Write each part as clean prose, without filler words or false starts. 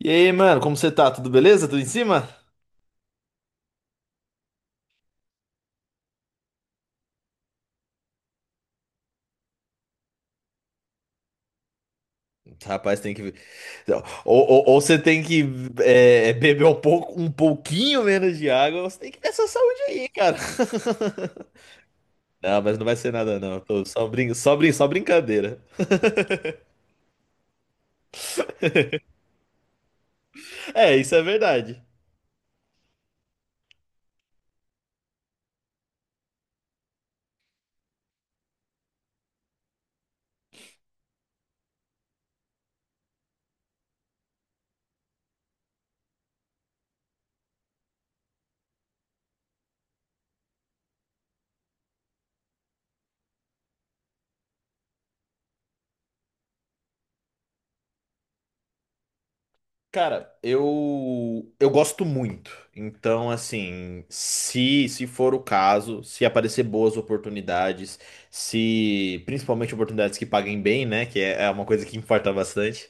E aí, mano, como você tá? Tudo beleza? Tudo em cima? Rapaz, tem que. Ou você tem que beber um pouco, um pouquinho menos de água, ou você tem que ver sua saúde aí, cara. Não, mas não vai ser nada, não. Tô só brincadeira. É, isso é verdade. Cara, eu gosto muito. Então, assim, se for o caso, se aparecer boas oportunidades, se principalmente oportunidades que paguem bem, né, que é uma coisa que importa bastante.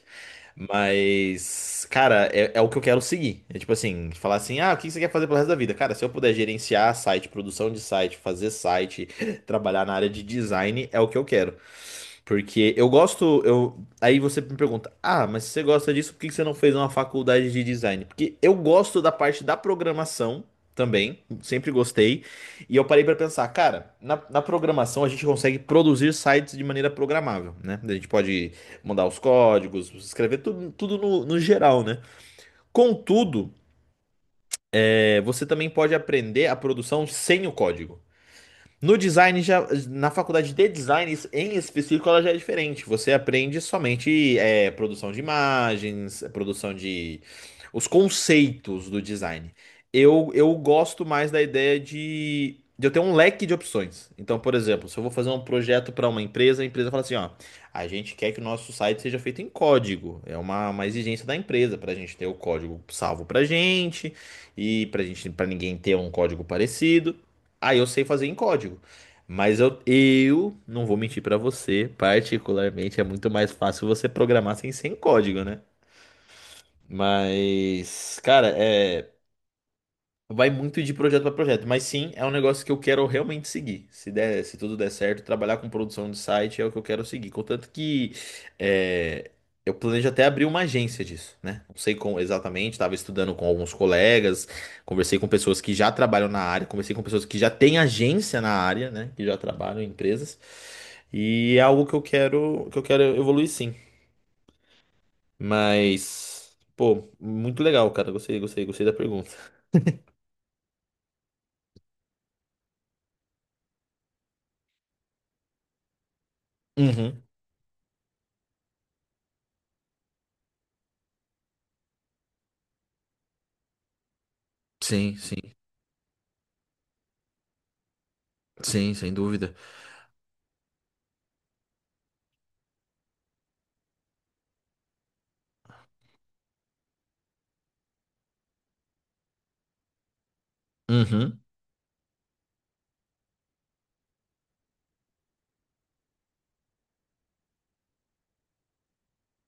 Mas, cara, é o que eu quero seguir. É tipo assim, falar assim, ah, o que você quer fazer pelo resto da vida? Cara, se eu puder gerenciar site, produção de site, fazer site, trabalhar na área de design, é o que eu quero. Porque eu gosto, eu... Aí você me pergunta, ah, mas se você gosta disso, por que que você não fez uma faculdade de design? Porque eu gosto da parte da programação também, sempre gostei. E eu parei pra pensar, cara, na programação a gente consegue produzir sites de maneira programável, né? A gente pode mandar os códigos, escrever tudo, tudo no geral, né? Contudo, você também pode aprender a produção sem o código. No design, já, na faculdade de design em específico, ela já é diferente. Você aprende somente produção de imagens, produção de os conceitos do design. Eu gosto mais da ideia de eu ter um leque de opções. Então, por exemplo, se eu vou fazer um projeto para uma empresa, a empresa fala assim: ó, a gente quer que o nosso site seja feito em código. É uma exigência da empresa para a gente ter o código salvo para gente e para gente, para ninguém ter um código parecido. Ah, eu sei fazer em código. Mas eu não vou mentir pra você, particularmente é muito mais fácil você programar sem código, né? Mas, cara, é. Vai muito de projeto para projeto, mas sim, é um negócio que eu quero realmente seguir. Se der, se tudo der certo, trabalhar com produção de site é o que eu quero seguir. Contanto que é, eu planejo até abrir uma agência disso, né? Não sei como exatamente, estava estudando com alguns colegas, conversei com pessoas que já trabalham na área, conversei com pessoas que já têm agência na área, né? Que já trabalham em empresas. E é algo que eu quero evoluir sim. Mas, pô, muito legal, cara. Gostei, gostei, gostei da pergunta. Uhum. Sim, sim. Sim, sem dúvida. Uhum.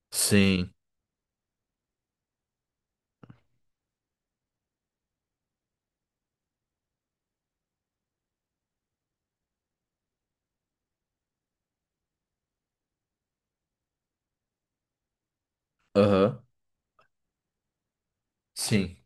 Sim. Aham. Sim.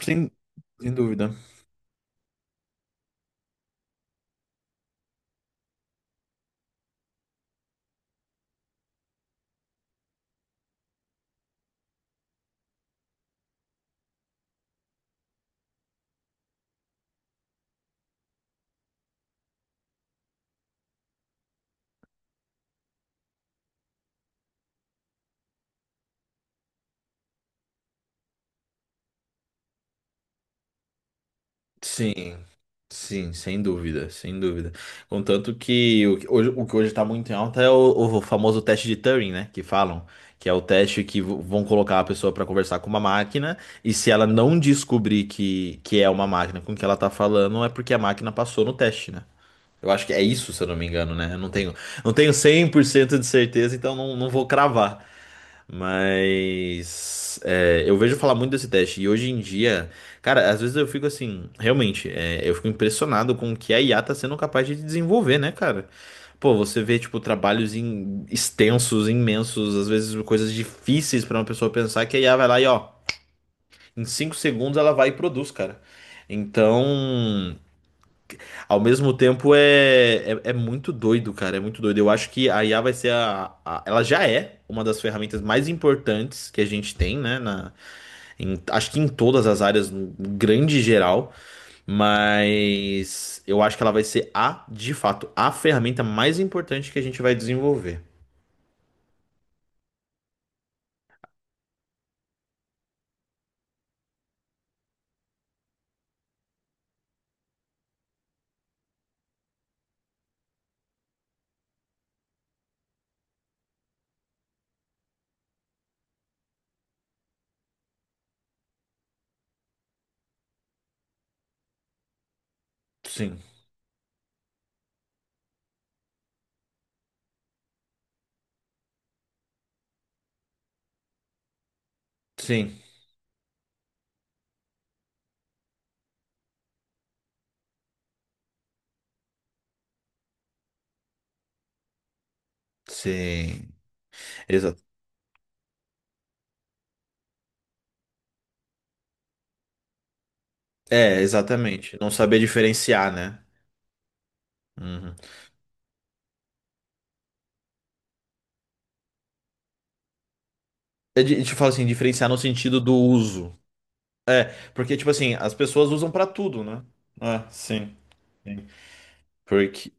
Sem, sem dúvida. Sim. Sim, sem dúvida, sem dúvida. Contanto que o que hoje tá muito em alta é o famoso teste de Turing, né? Que falam. Que é o teste que vão colocar a pessoa para conversar com uma máquina. E se ela não descobrir que é uma máquina com que ela tá falando, é porque a máquina passou no teste, né? Eu acho que é isso, se eu não me engano, né? Eu não tenho, não tenho 100% de certeza, então não vou cravar. Mas é, eu vejo falar muito desse teste. E hoje em dia, cara, às vezes eu fico assim, realmente, eu fico impressionado com o que a IA tá sendo capaz de desenvolver, né, cara? Pô, você vê, tipo, extensos, imensos, às vezes coisas difíceis pra uma pessoa pensar que a IA vai lá e, ó, em 5 segundos ela vai e produz, cara. Então. Ao mesmo tempo é muito doido, cara. É muito doido. Eu acho que a IA vai ser Ela já é uma das ferramentas mais importantes que a gente tem, né? Acho que em todas as áreas, no grande geral. Mas eu acho que ela vai ser a, de fato, a ferramenta mais importante que a gente vai desenvolver. Sim, sim, sim. Exa exatamente. Não saber diferenciar, né? Uhum. Eu te falo assim, diferenciar no sentido do uso. É, porque, tipo assim, as pessoas usam pra tudo, né? É, sim. Sim. Porque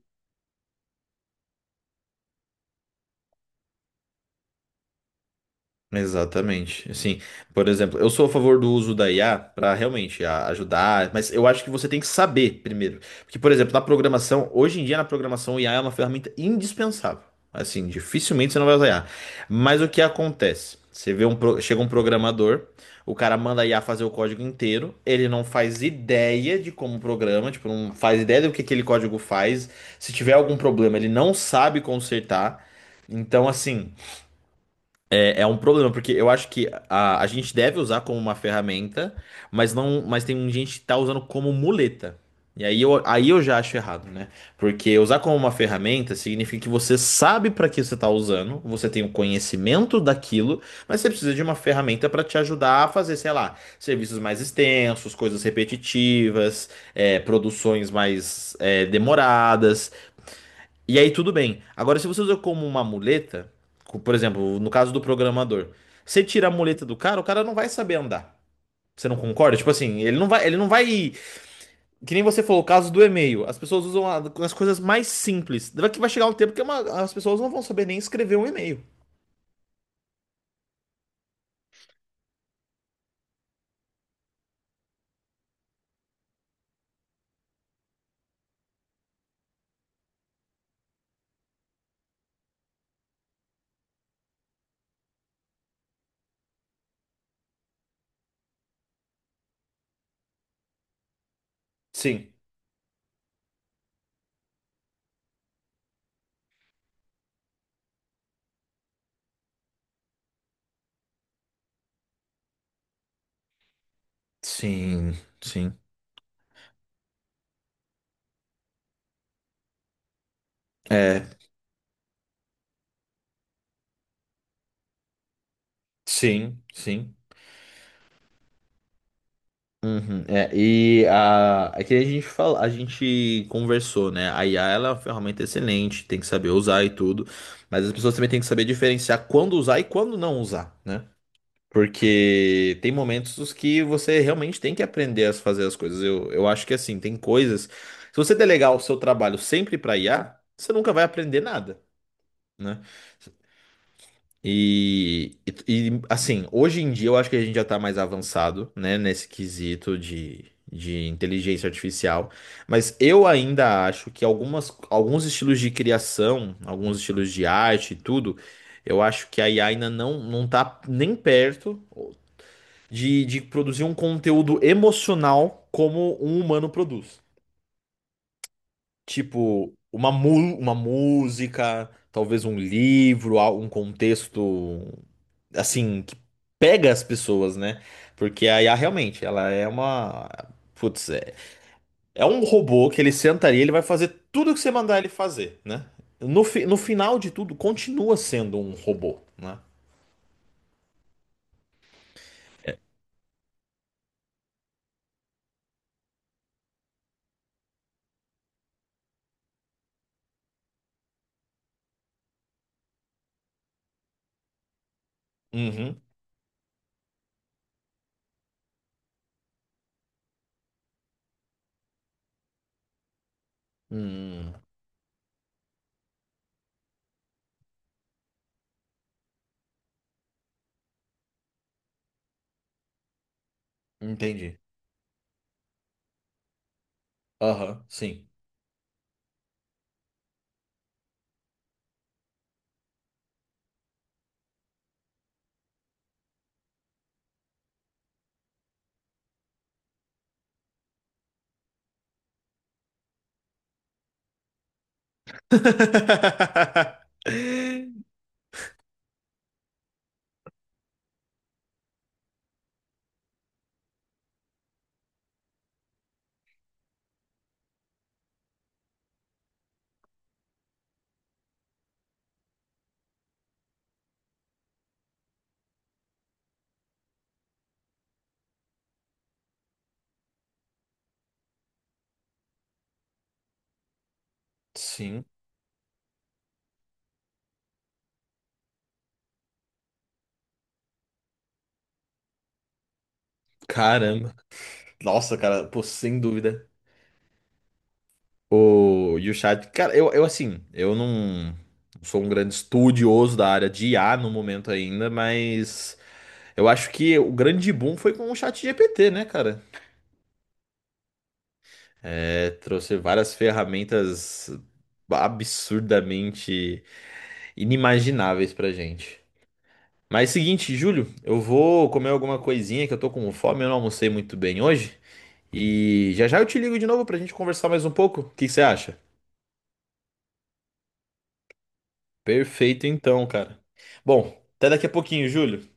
exatamente. Assim, por exemplo, eu sou a favor do uso da IA para realmente ajudar, mas eu acho que você tem que saber primeiro. Porque, por exemplo, na programação, hoje em dia na programação, o IA é uma ferramenta indispensável. Assim, dificilmente você não vai usar IA. Mas o que acontece? Você vê um, pro- chega um programador, o cara manda a IA fazer o código inteiro, ele não faz ideia de como programa, tipo, não faz ideia do que aquele código faz. Se tiver algum problema, ele não sabe consertar. Então, assim. É, é um problema, porque eu acho que a gente deve usar como uma ferramenta, mas não, mas tem um gente que tá usando como muleta. Aí eu já acho errado, né? Porque usar como uma ferramenta significa que você sabe para que você tá usando, você tem o conhecimento daquilo, mas você precisa de uma ferramenta para te ajudar a fazer, sei lá, serviços mais extensos, coisas repetitivas, produções mais demoradas. E aí tudo bem. Agora, se você usa como uma muleta, por exemplo, no caso do programador, você tira a muleta do cara, o cara não vai saber andar. Você não concorda? Tipo assim, ele não vai, ele não vai. Que nem você falou, o caso do e-mail. As pessoas usam a- as coisas mais simples. Vai que vai chegar um tempo que é as pessoas não vão saber nem escrever um e-mail. Sim. Sim, sim. É. Sim, sim. Uhum, é, é que a gente fala, a gente conversou, né? A IA ela é uma ferramenta excelente, tem que saber usar e tudo, mas as pessoas também têm que saber diferenciar quando usar e quando não usar, né? Porque tem momentos os que você realmente tem que aprender a fazer as coisas. Eu acho que assim, tem coisas. Se você delegar o seu trabalho sempre para IA, você nunca vai aprender nada, né? E, assim, hoje em dia eu acho que a gente já tá mais avançado, né, de inteligência artificial, mas eu ainda acho que alguns estilos de criação, alguns estilos de arte e tudo, eu acho que a IA ainda não tá nem perto de produzir um conteúdo emocional como um humano produz. Tipo, uma música, talvez um livro, um contexto, assim, que pega as pessoas, né? Porque a IA realmente, ela é uma. Putz, é um robô que ele sentaria, ele vai fazer tudo o que você mandar ele fazer, né? No final de tudo, continua sendo um robô, né? Uhum. Hum, entendi. Aham, sim. Sim. Caramba. Nossa, cara, pô, sem dúvida. O, e o chat, cara, eu assim, eu não sou um grande estudioso da área de IA no momento ainda, mas eu acho que o grande boom foi com o chat GPT, né, cara? É, trouxe várias ferramentas absurdamente inimagináveis pra gente. Mas seguinte, Júlio, eu vou comer alguma coisinha que eu tô com fome, eu não almocei muito bem hoje. E já já eu te ligo de novo pra gente conversar mais um pouco. O que que você acha? Perfeito então, cara. Bom, até daqui a pouquinho, Júlio.